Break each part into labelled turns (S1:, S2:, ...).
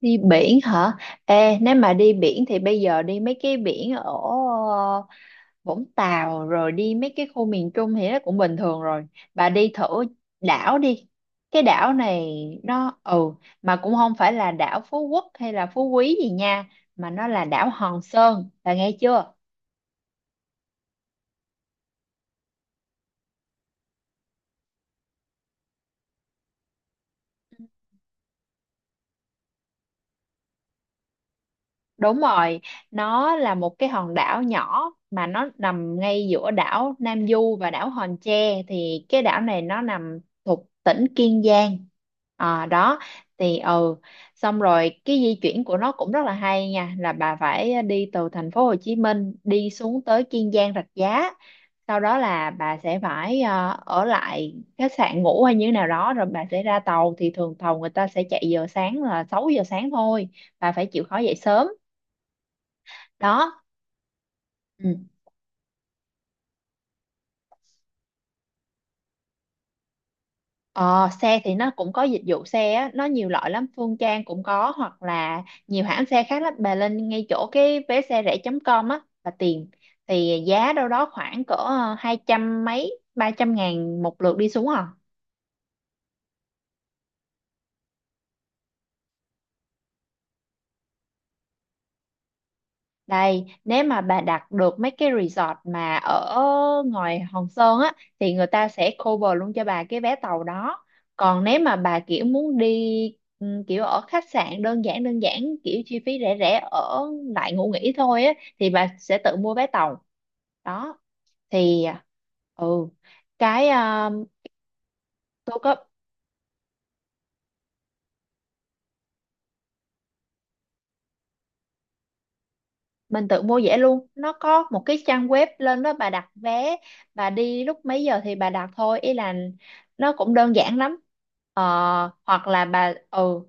S1: Đi biển hả? Ê, nếu mà đi biển thì bây giờ đi mấy cái biển ở ờ, Vũng Tàu rồi đi mấy cái khu miền Trung thì nó cũng bình thường rồi. Bà đi thử đảo đi. Cái đảo này nó mà cũng không phải là đảo Phú Quốc hay là Phú Quý gì nha, mà nó là đảo Hòn Sơn. Bà nghe chưa? Đúng rồi, nó là một cái hòn đảo nhỏ mà nó nằm ngay giữa đảo Nam Du và đảo Hòn Tre thì cái đảo này nó nằm thuộc tỉnh Kiên Giang. À, đó thì xong rồi cái di chuyển của nó cũng rất là hay nha, là bà phải đi từ thành phố Hồ Chí Minh đi xuống tới Kiên Giang Rạch Giá, sau đó là bà sẽ phải ở lại khách sạn ngủ hay như thế nào đó, rồi bà sẽ ra tàu. Thì thường tàu người ta sẽ chạy giờ sáng là 6 giờ sáng thôi, bà phải chịu khó dậy sớm đó, ừ. Ờ, xe thì nó cũng có dịch vụ xe á, nó nhiều loại lắm, Phương Trang cũng có hoặc là nhiều hãng xe khác lắm, bà lên ngay chỗ cái vé xe rẻ.com chấm com á và tìm, thì giá đâu đó khoảng cỡ 200 mấy 300 ngàn một lượt đi xuống à. Đây, nếu mà bà đặt được mấy cái resort mà ở ngoài Hòn Sơn á thì người ta sẽ cover luôn cho bà cái vé tàu đó. Còn nếu mà bà kiểu muốn đi kiểu ở khách sạn đơn giản kiểu chi phí rẻ rẻ ở lại ngủ nghỉ thôi á thì bà sẽ tự mua vé tàu. Đó thì ừ cái tôi có mình tự mua vé luôn, nó có một cái trang web lên đó bà đặt vé, bà đi lúc mấy giờ thì bà đặt thôi, ý là nó cũng đơn giản lắm. ờ, Hoặc là bà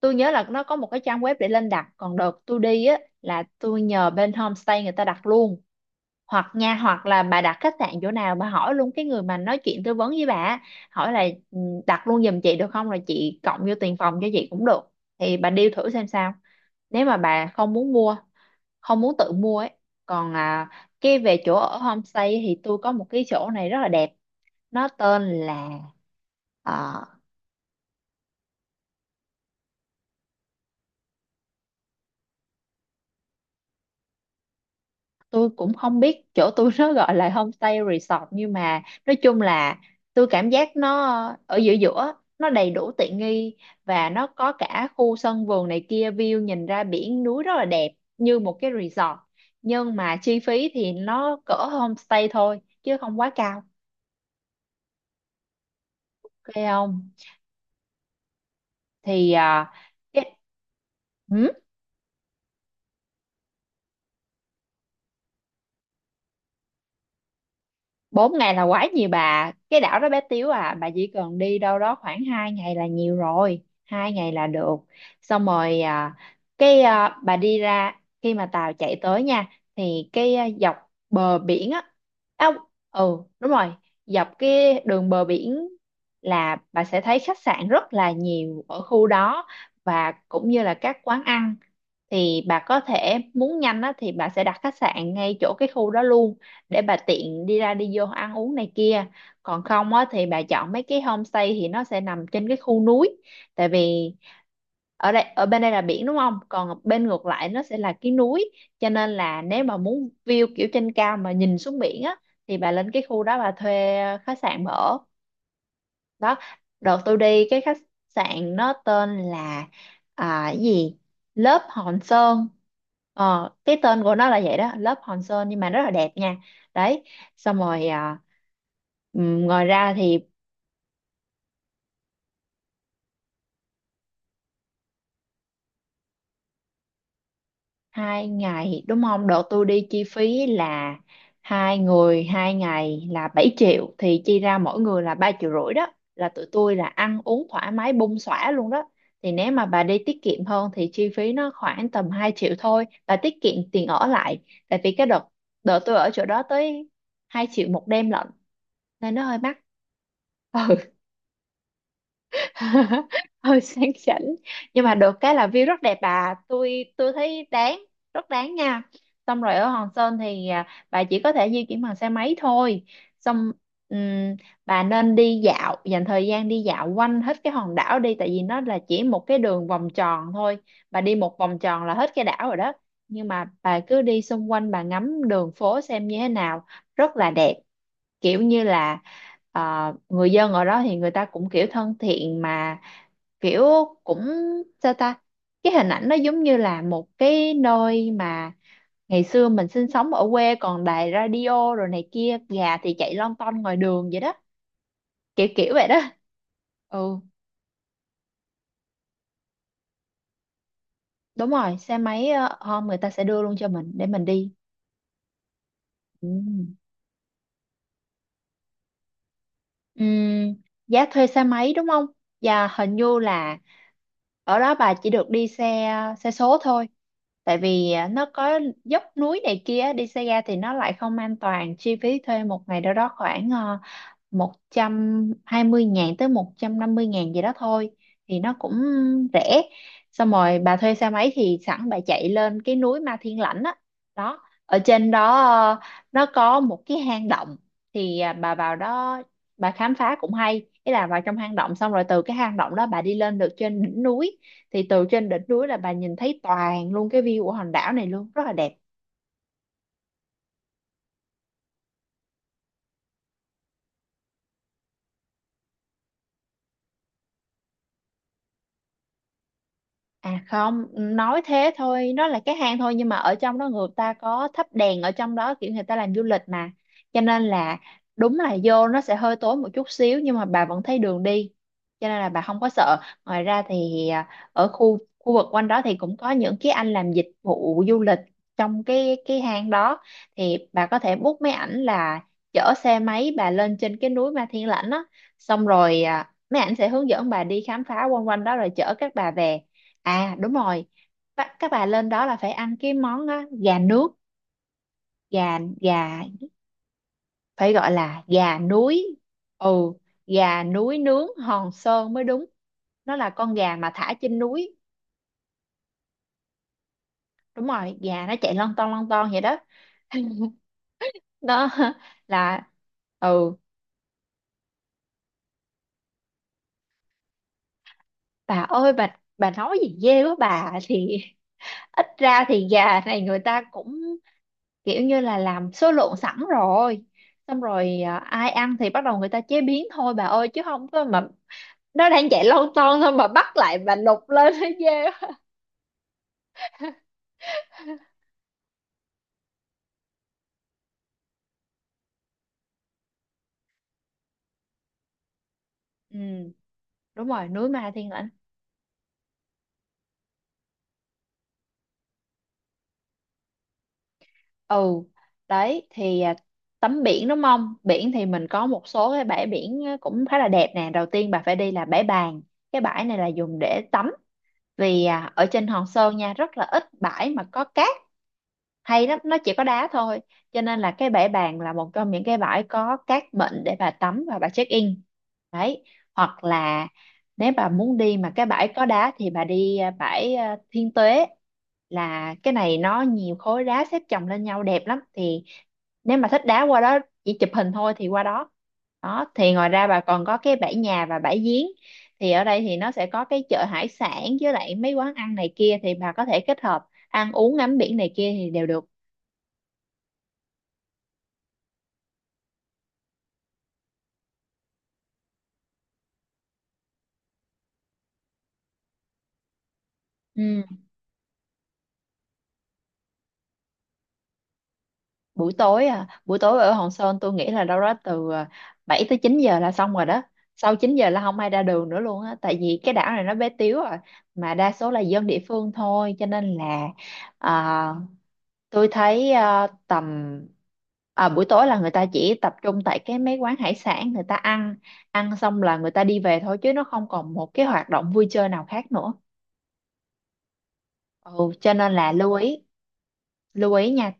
S1: tôi nhớ là nó có một cái trang web để lên đặt, còn đợt tôi đi á là tôi nhờ bên homestay người ta đặt luôn. Hoặc nha, hoặc là bà đặt khách sạn chỗ nào bà hỏi luôn cái người mà nói chuyện tư vấn với bà á, hỏi là "Ừ, đặt luôn giùm chị được không, rồi chị cộng vô tiền phòng cho chị cũng được", thì bà deal thử xem sao, nếu mà bà không muốn mua, không muốn tự mua ấy. Còn cái về chỗ ở homestay thì tôi có một cái chỗ này rất là đẹp, nó tên là à, tôi cũng không biết chỗ tôi nó gọi là homestay resort nhưng mà nói chung là tôi cảm giác nó ở giữa giữa, nó đầy đủ tiện nghi và nó có cả khu sân vườn này kia, view nhìn ra biển núi rất là đẹp như một cái resort, nhưng mà chi phí thì nó cỡ homestay thôi chứ không quá cao. Ok không thì cái- ừ 4 ngày là quá nhiều bà, cái đảo đó bé xíu à, bà chỉ cần đi đâu đó khoảng 2 ngày là nhiều rồi, 2 ngày là được. Xong rồi bà đi ra khi mà tàu chạy tới nha, thì cái dọc bờ biển á, à, ừ đúng rồi, dọc cái đường bờ biển là bà sẽ thấy khách sạn rất là nhiều ở khu đó, và cũng như là các quán ăn. Thì bà có thể muốn nhanh á thì bà sẽ đặt khách sạn ngay chỗ cái khu đó luôn để bà tiện đi ra đi vô ăn uống này kia. Còn không á thì bà chọn mấy cái homestay thì nó sẽ nằm trên cái khu núi, tại vì ở đây ở bên đây là biển đúng không, còn bên ngược lại nó sẽ là cái núi, cho nên là nếu mà muốn view kiểu trên cao mà nhìn xuống biển á thì bà lên cái khu đó bà thuê khách sạn mà ở đó. Đợt tôi đi cái khách sạn nó tên là à, cái gì lớp Hòn Sơn, cái tên của nó là vậy đó, lớp Hòn Sơn, nhưng mà rất là đẹp nha. Đấy, xong rồi ngoài ra thì 2 ngày đúng không, đợt tôi đi chi phí là 2 người 2 ngày là 7 triệu, thì chia ra mỗi người là 3 triệu rưỡi đó, là tụi tôi là ăn uống thoải mái bung xõa luôn đó. Thì nếu mà bà đi tiết kiệm hơn thì chi phí nó khoảng tầm 2 triệu thôi, bà tiết kiệm tiền ở lại. Tại vì cái đợt, đợt tôi ở chỗ đó tới 2 triệu 1 đêm lận nên nó hơi mắc. ừ Hơi sang chảnh nhưng mà được cái là view rất đẹp bà, tôi thấy đáng, rất đáng nha. Xong rồi ở Hòn Sơn thì bà chỉ có thể di chuyển bằng xe máy thôi. Xong ừm, bà nên đi dạo, dành thời gian đi dạo quanh hết cái hòn đảo đi, tại vì nó là chỉ một cái đường vòng tròn thôi, bà đi một vòng tròn là hết cái đảo rồi đó. Nhưng mà bà cứ đi xung quanh bà ngắm đường phố xem như thế nào, rất là đẹp, kiểu như là người dân ở đó thì người ta cũng kiểu thân thiện mà, kiểu cũng sao ta, cái hình ảnh nó giống như là một cái nơi mà ngày xưa mình sinh sống ở quê, còn đài radio rồi này kia, gà thì chạy lon ton ngoài đường vậy đó, kiểu kiểu vậy đó. Ừ đúng rồi, xe máy hôm người ta sẽ đưa luôn cho mình để mình đi, ừ. Ừm, giá thuê xe máy đúng không, và hình như là ở đó bà chỉ được đi xe, xe số thôi, tại vì nó có dốc núi này kia, đi xe ga thì nó lại không an toàn. Chi phí thuê một ngày đâu đó khoảng 120 ngàn tới 150 ngàn gì đó thôi, thì nó cũng rẻ. Xong rồi bà thuê xe máy thì sẵn bà chạy lên cái núi Ma Thiên Lãnh á, đó, ở trên đó nó có một cái hang động, thì bà vào đó bà khám phá cũng hay, ý là vào trong hang động, xong rồi từ cái hang động đó bà đi lên được trên đỉnh núi, thì từ trên đỉnh núi là bà nhìn thấy toàn luôn cái view của hòn đảo này luôn, rất là đẹp. À không, nói thế thôi, nó là cái hang thôi nhưng mà ở trong đó người ta có thắp đèn ở trong đó, kiểu người ta làm du lịch mà. Cho nên là đúng là vô nó sẽ hơi tối một chút xíu nhưng mà bà vẫn thấy đường đi. Cho nên là bà không có sợ. Ngoài ra thì ở khu khu vực quanh đó thì cũng có những cái anh làm dịch vụ du lịch trong cái hang đó, thì bà có thể book mấy ảnh là chở xe máy bà lên trên cái núi Ma Thiên Lãnh đó, xong rồi mấy ảnh sẽ hướng dẫn bà đi khám phá quanh quanh đó rồi chở các bà về. À đúng rồi. Các bà lên đó là phải ăn cái món gà nước, gà gà phải gọi là gà núi. Ừ, gà núi nướng Hòn Sơn mới đúng. Nó là con gà mà thả trên núi. Đúng rồi, gà nó chạy lon ton vậy đó. Đó là ừ, bà ơi, bà nói gì ghê quá bà, thì ít ra thì gà này người ta cũng kiểu như là làm số lượng sẵn rồi, xong rồi ai ăn thì bắt đầu người ta chế biến thôi bà ơi, chứ không có mà nó đang chạy lon ton thôi mà bắt lại bà lục lên thấy ghê quá. Ừ đúng rồi, núi Ma Thiên Lãnh. ừ Đấy thì tắm biển đúng không, biển thì mình có một số cái bãi biển cũng khá là đẹp nè. Đầu tiên bà phải đi là bãi Bàng, cái bãi này là dùng để tắm, vì ở trên Hòn Sơn nha rất là ít bãi mà có cát hay lắm, nó chỉ có đá thôi, cho nên là cái bãi Bàng là một trong những cái bãi có cát mịn để bà tắm và bà check in. Đấy, hoặc là nếu bà muốn đi mà cái bãi có đá thì bà đi bãi Thiên Tuế, là cái này nó nhiều khối đá xếp chồng lên nhau đẹp lắm, thì nếu mà thích đá qua đó, chỉ chụp hình thôi thì qua đó. Đó thì ngoài ra bà còn có cái bãi Nhà và bãi Giếng, thì ở đây thì nó sẽ có cái chợ hải sản với lại mấy quán ăn này kia, thì bà có thể kết hợp ăn uống ngắm biển này kia thì đều được. ừ. Buổi tối ở Hòn Sơn tôi nghĩ là đâu đó từ 7 tới 9 giờ là xong rồi đó, sau 9 giờ là không ai ra đường nữa luôn á, tại vì cái đảo này nó bé tiếu rồi, mà đa số là dân địa phương thôi, cho nên là à, tôi thấy tầm buổi tối là người ta chỉ tập trung tại cái mấy quán hải sản người ta ăn, ăn xong là người ta đi về thôi, chứ nó không còn một cái hoạt động vui chơi nào khác nữa. Ừ, cho nên là lưu ý, lưu ý nha.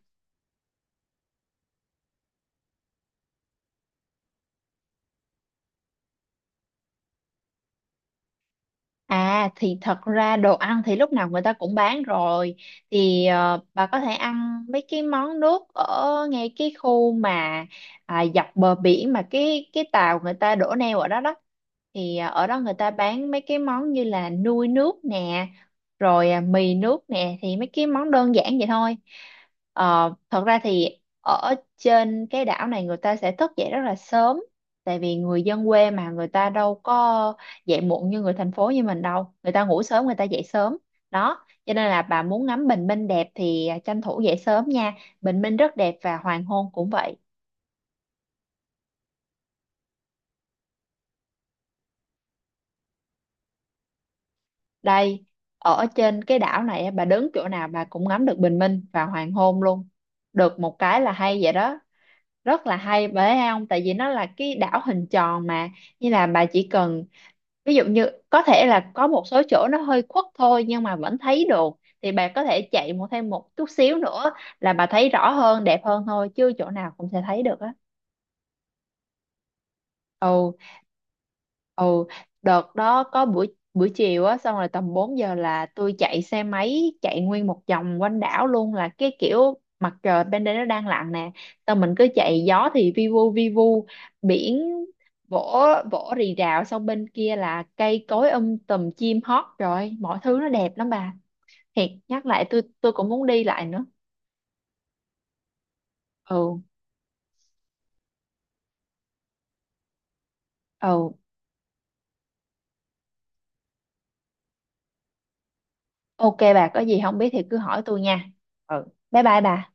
S1: À thì thật ra đồ ăn thì lúc nào người ta cũng bán rồi, thì bà có thể ăn mấy cái món nước ở ngay cái khu mà dọc bờ biển, mà cái tàu người ta đổ neo ở đó đó, thì ở đó người ta bán mấy cái món như là nui nước nè, rồi mì nước nè, thì mấy cái món đơn giản vậy thôi. Ờ, thật ra thì ở trên cái đảo này người ta sẽ thức dậy rất là sớm, tại vì người dân quê mà, người ta đâu có dậy muộn như người thành phố như mình đâu, người ta ngủ sớm người ta dậy sớm đó, cho nên là bà muốn ngắm bình minh đẹp thì tranh thủ dậy sớm nha, bình minh rất đẹp và hoàng hôn cũng vậy. Đây, ở trên cái đảo này á, bà đứng chỗ nào bà cũng ngắm được bình minh và hoàng hôn luôn, được một cái là hay vậy đó, rất là hay bởi không, tại vì nó là cái đảo hình tròn mà, như là bà chỉ cần, ví dụ như có thể là có một số chỗ nó hơi khuất thôi nhưng mà vẫn thấy được, thì bà có thể chạy một thêm một chút xíu nữa là bà thấy rõ hơn đẹp hơn thôi, chứ chỗ nào cũng sẽ thấy được á. ừ ừ Đợt đó có buổi buổi chiều á, xong rồi tầm 4 giờ là tôi chạy xe máy chạy nguyên một vòng quanh đảo luôn, là cái kiểu mặt trời bên đây nó đang lặn nè, xong mình cứ chạy, gió thì vi vu vi vu, biển vỗ vỗ rì rào, xong bên kia là cây cối tùm chim hót, rồi mọi thứ nó đẹp lắm bà, thiệt, nhắc lại tôi cũng muốn đi lại nữa. ừ ừ ok, bà có gì không biết thì cứ hỏi tôi nha, ừ, bye bye bà.